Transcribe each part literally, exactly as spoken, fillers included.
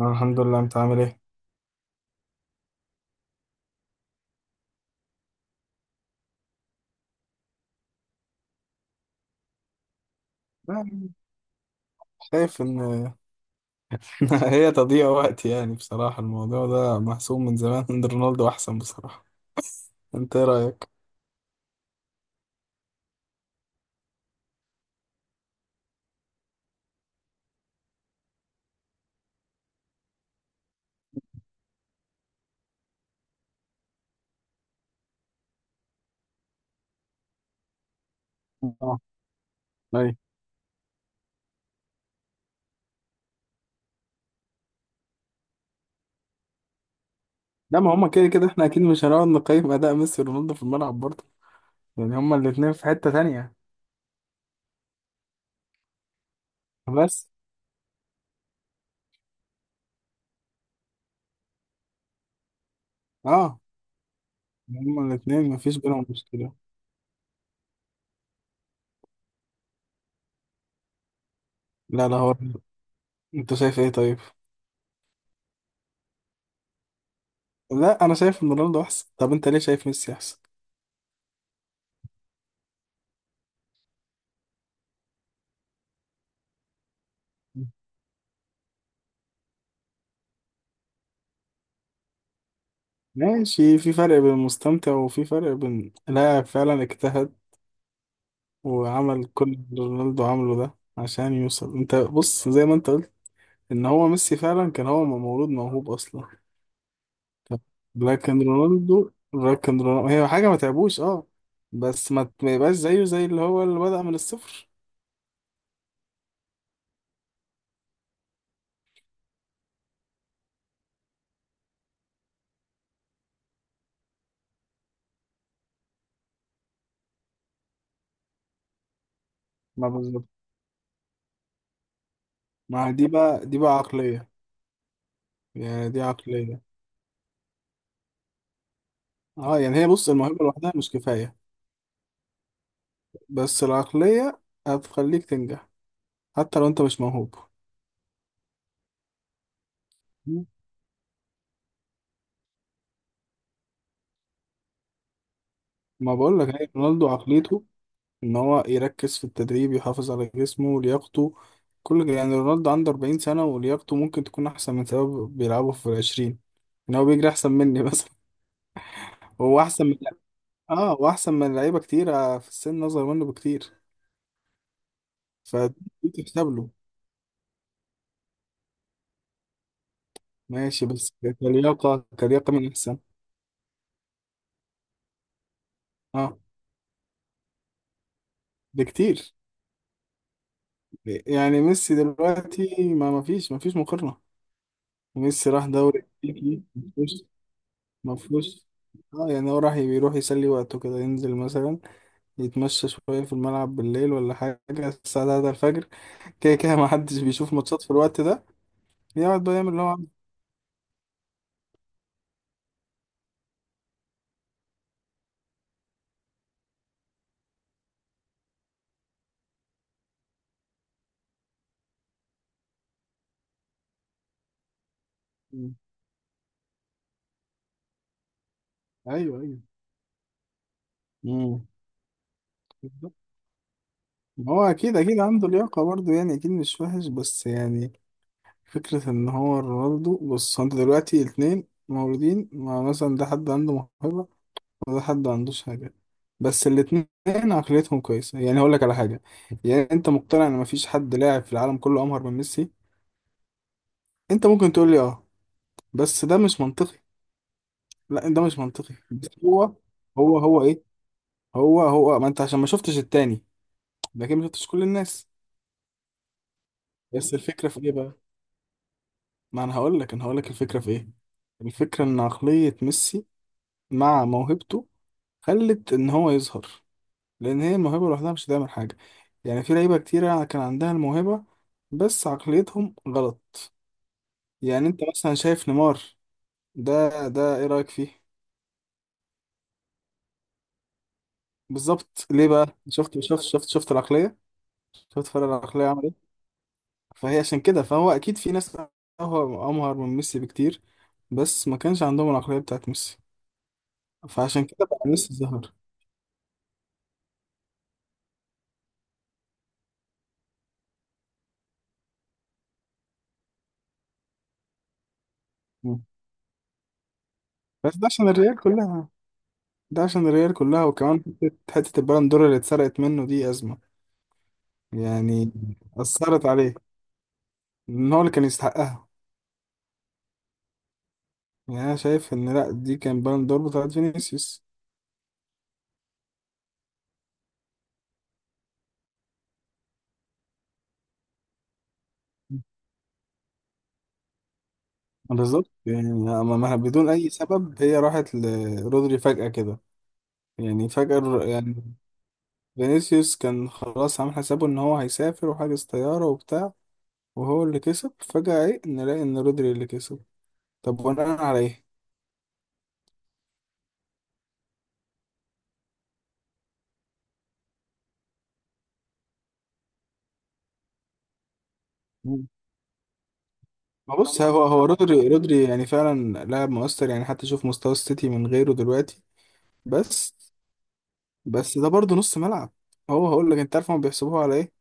أنا الحمد لله، انت عامل ايه؟ يعني شايف ان هي تضييع وقت يعني بصراحة. الموضوع ده محسوم من زمان ان رونالدو احسن بصراحة. انت ايه رأيك؟ اه، ايوه. لا، ما هما كده كده احنا اكيد مش هنقعد نقيم اداء ميسي ورونالدو في الملعب برضه. يعني هما الاتنين في حتة تانية. بس اه، هما الاتنين مفيش بينهم مشكلة. لا لا هو، انت شايف ايه طيب؟ لا، انا شايف ان رونالدو احسن. طب انت ليه شايف ميسي احسن؟ ماشي، في فرق بين المستمتع وفي فرق بين لاعب فعلا اجتهد وعمل كل اللي رونالدو عمله ده عشان يوصل. انت بص زي ما انت قلت، ان هو ميسي فعلا كان هو مولود موهوب اصلا، لكن رونالدو لكن رونالدو هي حاجه ما تعبوش اه. بس ما ما يبقاش زيه زي اللي هو اللي بدأ من الصفر. ما بالظبط. ما دي بقى دي بقى عقليه. يعني دي عقليه. اه، يعني هي بص، الموهبه لوحدها مش كفايه. بس العقليه هتخليك تنجح حتى لو انت مش موهوب. ما بقول لك، هي رونالدو عقليته ان هو يركز في التدريب، يحافظ على جسمه ولياقته. كل يعني رونالدو عنده أربعين سنة ولياقته ممكن تكون احسن من سبب بيلعبوا في العشرين. ان هو بيجري احسن مني بس. هو احسن من، اه، واحسن من لعيبة كتير آه، في السن اصغر منه بكتير. فدي تحسب له. ماشي، بس كلياقة، كلياقة من احسن اه بكتير. يعني ميسي دلوقتي ما ما فيش ما فيش مقارنة. ميسي راح دوري امريكي، ما فيهوش ما فيهوش. اه يعني هو راح بيروح يسلي وقته كده، ينزل مثلا يتمشى شوية في الملعب بالليل ولا حاجة، الساعة تلاتة الفجر. كده كده ما حدش بيشوف ماتشات في الوقت ده. يقعد بقى يعمل اللي هو عايزه. مم. ايوه، ايوه. امم، بالظبط. ما هو اكيد، اكيد عنده لياقة برضه، يعني اكيد مش وحش، بس يعني فكرة ان هو رونالدو بص، هو انت دلوقتي الاتنين مولودين، ما مثلا ده حد عنده موهبة، وده حد ما عندوش حاجة. بس الاتنين عقليتهم كويسة. يعني هقول لك على حاجة، يعني انت مقتنع ان مفيش حد لاعب في العالم كله امهر من ميسي. انت ممكن تقول لي اه، بس ده مش منطقي. لا ده مش منطقي، بس هو، هو هو ايه، هو هو ما انت عشان ما شفتش التاني، لكن ما شفتش كل الناس. بس الفكره في ايه بقى؟ ما انا هقول لك، انا هقول لك الفكره في ايه. الفكره ان عقليه ميسي مع موهبته خلت ان هو يظهر، لان هي الموهبه لوحدها مش هتعمل حاجه. يعني في لعيبه كتيره كان عندها الموهبه بس عقليتهم غلط. يعني انت مثلا شايف نيمار ده ده ايه رايك فيه؟ بالظبط، ليه بقى؟ شفت شفت شفت شفت العقليه؟ شفت فرق العقليه عمل إيه؟ فهي عشان كده، فهو اكيد في ناس أمهر أمهر من ميسي بكتير، بس ما كانش عندهم العقلية بتاعت ميسي. فعشان كده بقى ميسي ظهر. مم. بس ده عشان الريال كلها. ده عشان الريال كلها وكمان حتة حتة البالون دور اللي اتسرقت منه دي أزمة. يعني أثرت عليه، إن هو اللي كان يستحقها. يعني أنا شايف إن لأ، دي كان بالون دور بتاعت فينيسيوس. بالظبط، يعني ما ما- بدون أي سبب هي راحت لرودري فجأة كده. يعني فجأة يعني، فينيسيوس كان خلاص عامل حسابه ان هو هيسافر وحاجز طيارة وبتاع، وهو اللي كسب. فجأة ايه نلاقي ان رودري اللي كسب. طب وانا على ايه؟ مم. ما بص، هو هو رودري رودري يعني فعلا لاعب مؤثر، يعني حتى شوف مستوى السيتي من غيره دلوقتي. بس بس ده برضه نص ملعب. هو هقول لك، انت عارف هم بيحسبوها على ايه؟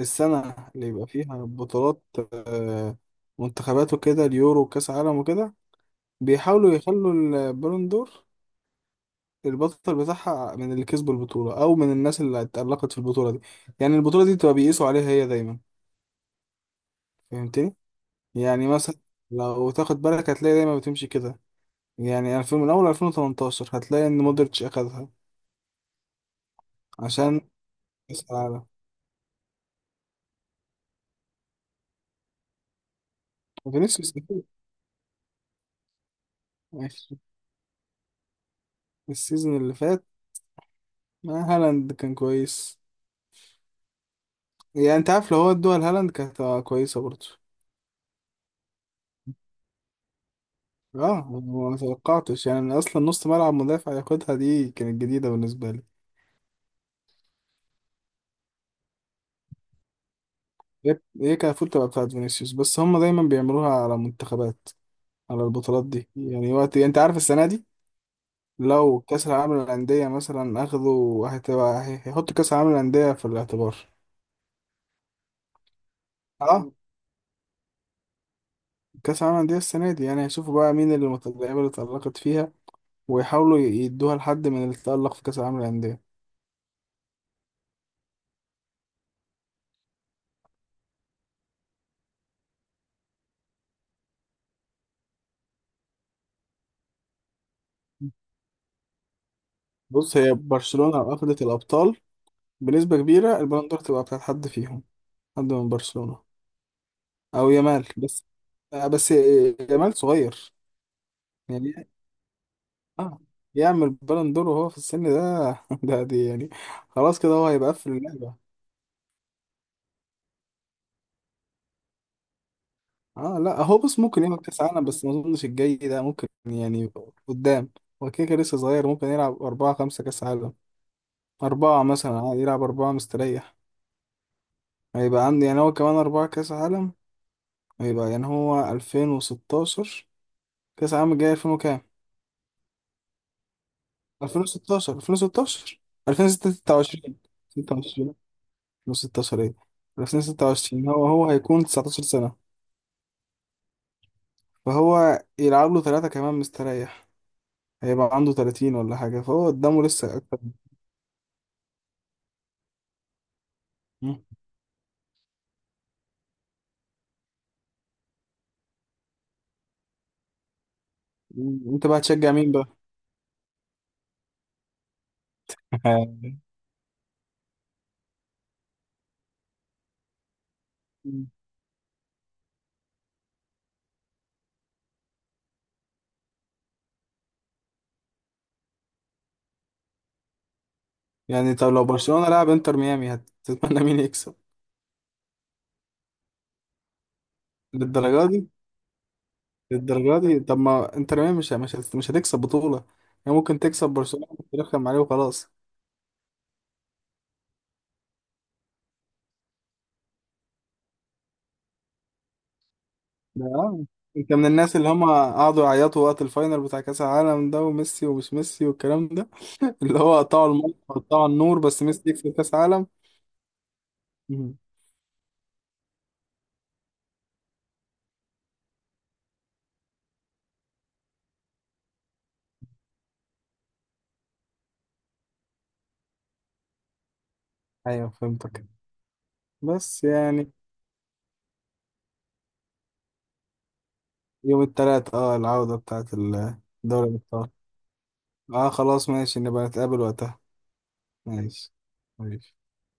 السنة اللي يبقى فيها بطولات، آه، منتخبات وكده، اليورو وكاس عالم وكده، بيحاولوا يخلوا البالون دور، البطل بتاعها، من اللي كسبوا البطولة أو من الناس اللي اتألقت في البطولة دي. يعني البطولة دي بتبقى بيقيسوا عليها هي دايما. فهمتني؟ يعني مثلا لو تاخد بالك هتلاقي دايما بتمشي كده. يعني ألفين، من أول ألفين وتمنتاشر هتلاقي إن مودريتش أخدها، عشان كأس العالم. وفينيسيوس أكيد. ماشي، السيزون اللي فات آه، هالاند كان كويس. يعني أنت عارف، لو هو ادوها لهالاند كانت هتبقى كويسة برضه. اه، ما توقعتش يعني إن اصلا نص ملعب مدافع ياخدها، دي كانت جديدة بالنسبة لي. هي كفول تبقى بتاعت فينيسيوس، بس هم دايما بيعملوها على منتخبات، على البطولات دي. يعني وقت، يعني انت عارف السنه دي، لو كاس العالم للانديه مثلا اخذوا هتبقى هي- هيحطوا كاس العالم للانديه في الاعتبار. اه، كاس العالم للانديه السنه دي، يعني هيشوفوا بقى مين اللي مت- اللعيبه اللي اتألقت فيها، ويحاولوا يدوها لحد من اللي اتألق في كاس العالم للانديه. بص، هي برشلونه لو اخذت الابطال بنسبه كبيره البالون دور تبقى بتاعت حد فيهم، حد من برشلونه، او يامال بس. آه، بس يامال صغير يعني. آه، يعمل بالون دور وهو في السن ده؟ ده دي يعني خلاص كده هو هيبقى قفل اللعبة. اه، لا هو بص، ممكن يعمل كاس عالم بس ما اظنش الجاي ده ممكن يعني. قدام، هو كده كده لسه صغير، ممكن يلعب أربعة خمسة كاس عالم. أربعة مثلا عادي، يلعب أربعة مستريح. هيبقى عندي يعني هو كمان أربعة كاس عالم. هيبقى يعني هو ألفين وستة عشر، كاس العالم الجاي ألفين وكام، 2016، ألفين وستاشر ألفين وستة وعشرين، ستة وعشرين، 2016 ايه ألفين وستة وعشرين. هو هو هيكون تسعتاشر سنة، فهو يلعب له ثلاثة كمان مستريح، هيبقى عنده تلاتين ولا حاجة، فهو قدامه لسه أكتر. مم. أنت بقى هتشجع مين بقى؟ مم. يعني طب لو برشلونة لعب انتر ميامي هتتمنى مين يكسب؟ للدرجة دي؟ للدرجة دي؟ طب ما انتر ميامي مش مش هت- مش هتكسب بطولة. يعني ممكن تكسب برشلونة وترخم عليه وخلاص. ده آه. انت من الناس اللي هم قعدوا يعيطوا وقت الفاينل بتاع كأس العالم ده، وميسي ومش ميسي والكلام ده؟ اللي هو قطعوا الماتش وقطعوا النور بس ميسي يكسب كأس عالم. مم. ايوه، فهمتك. بس يعني يوم التلات، اه، العودة بتاعت ال- دوري الأبطال. اه خلاص ماشي، نبقى نتقابل وقتها. ماشي، ماشي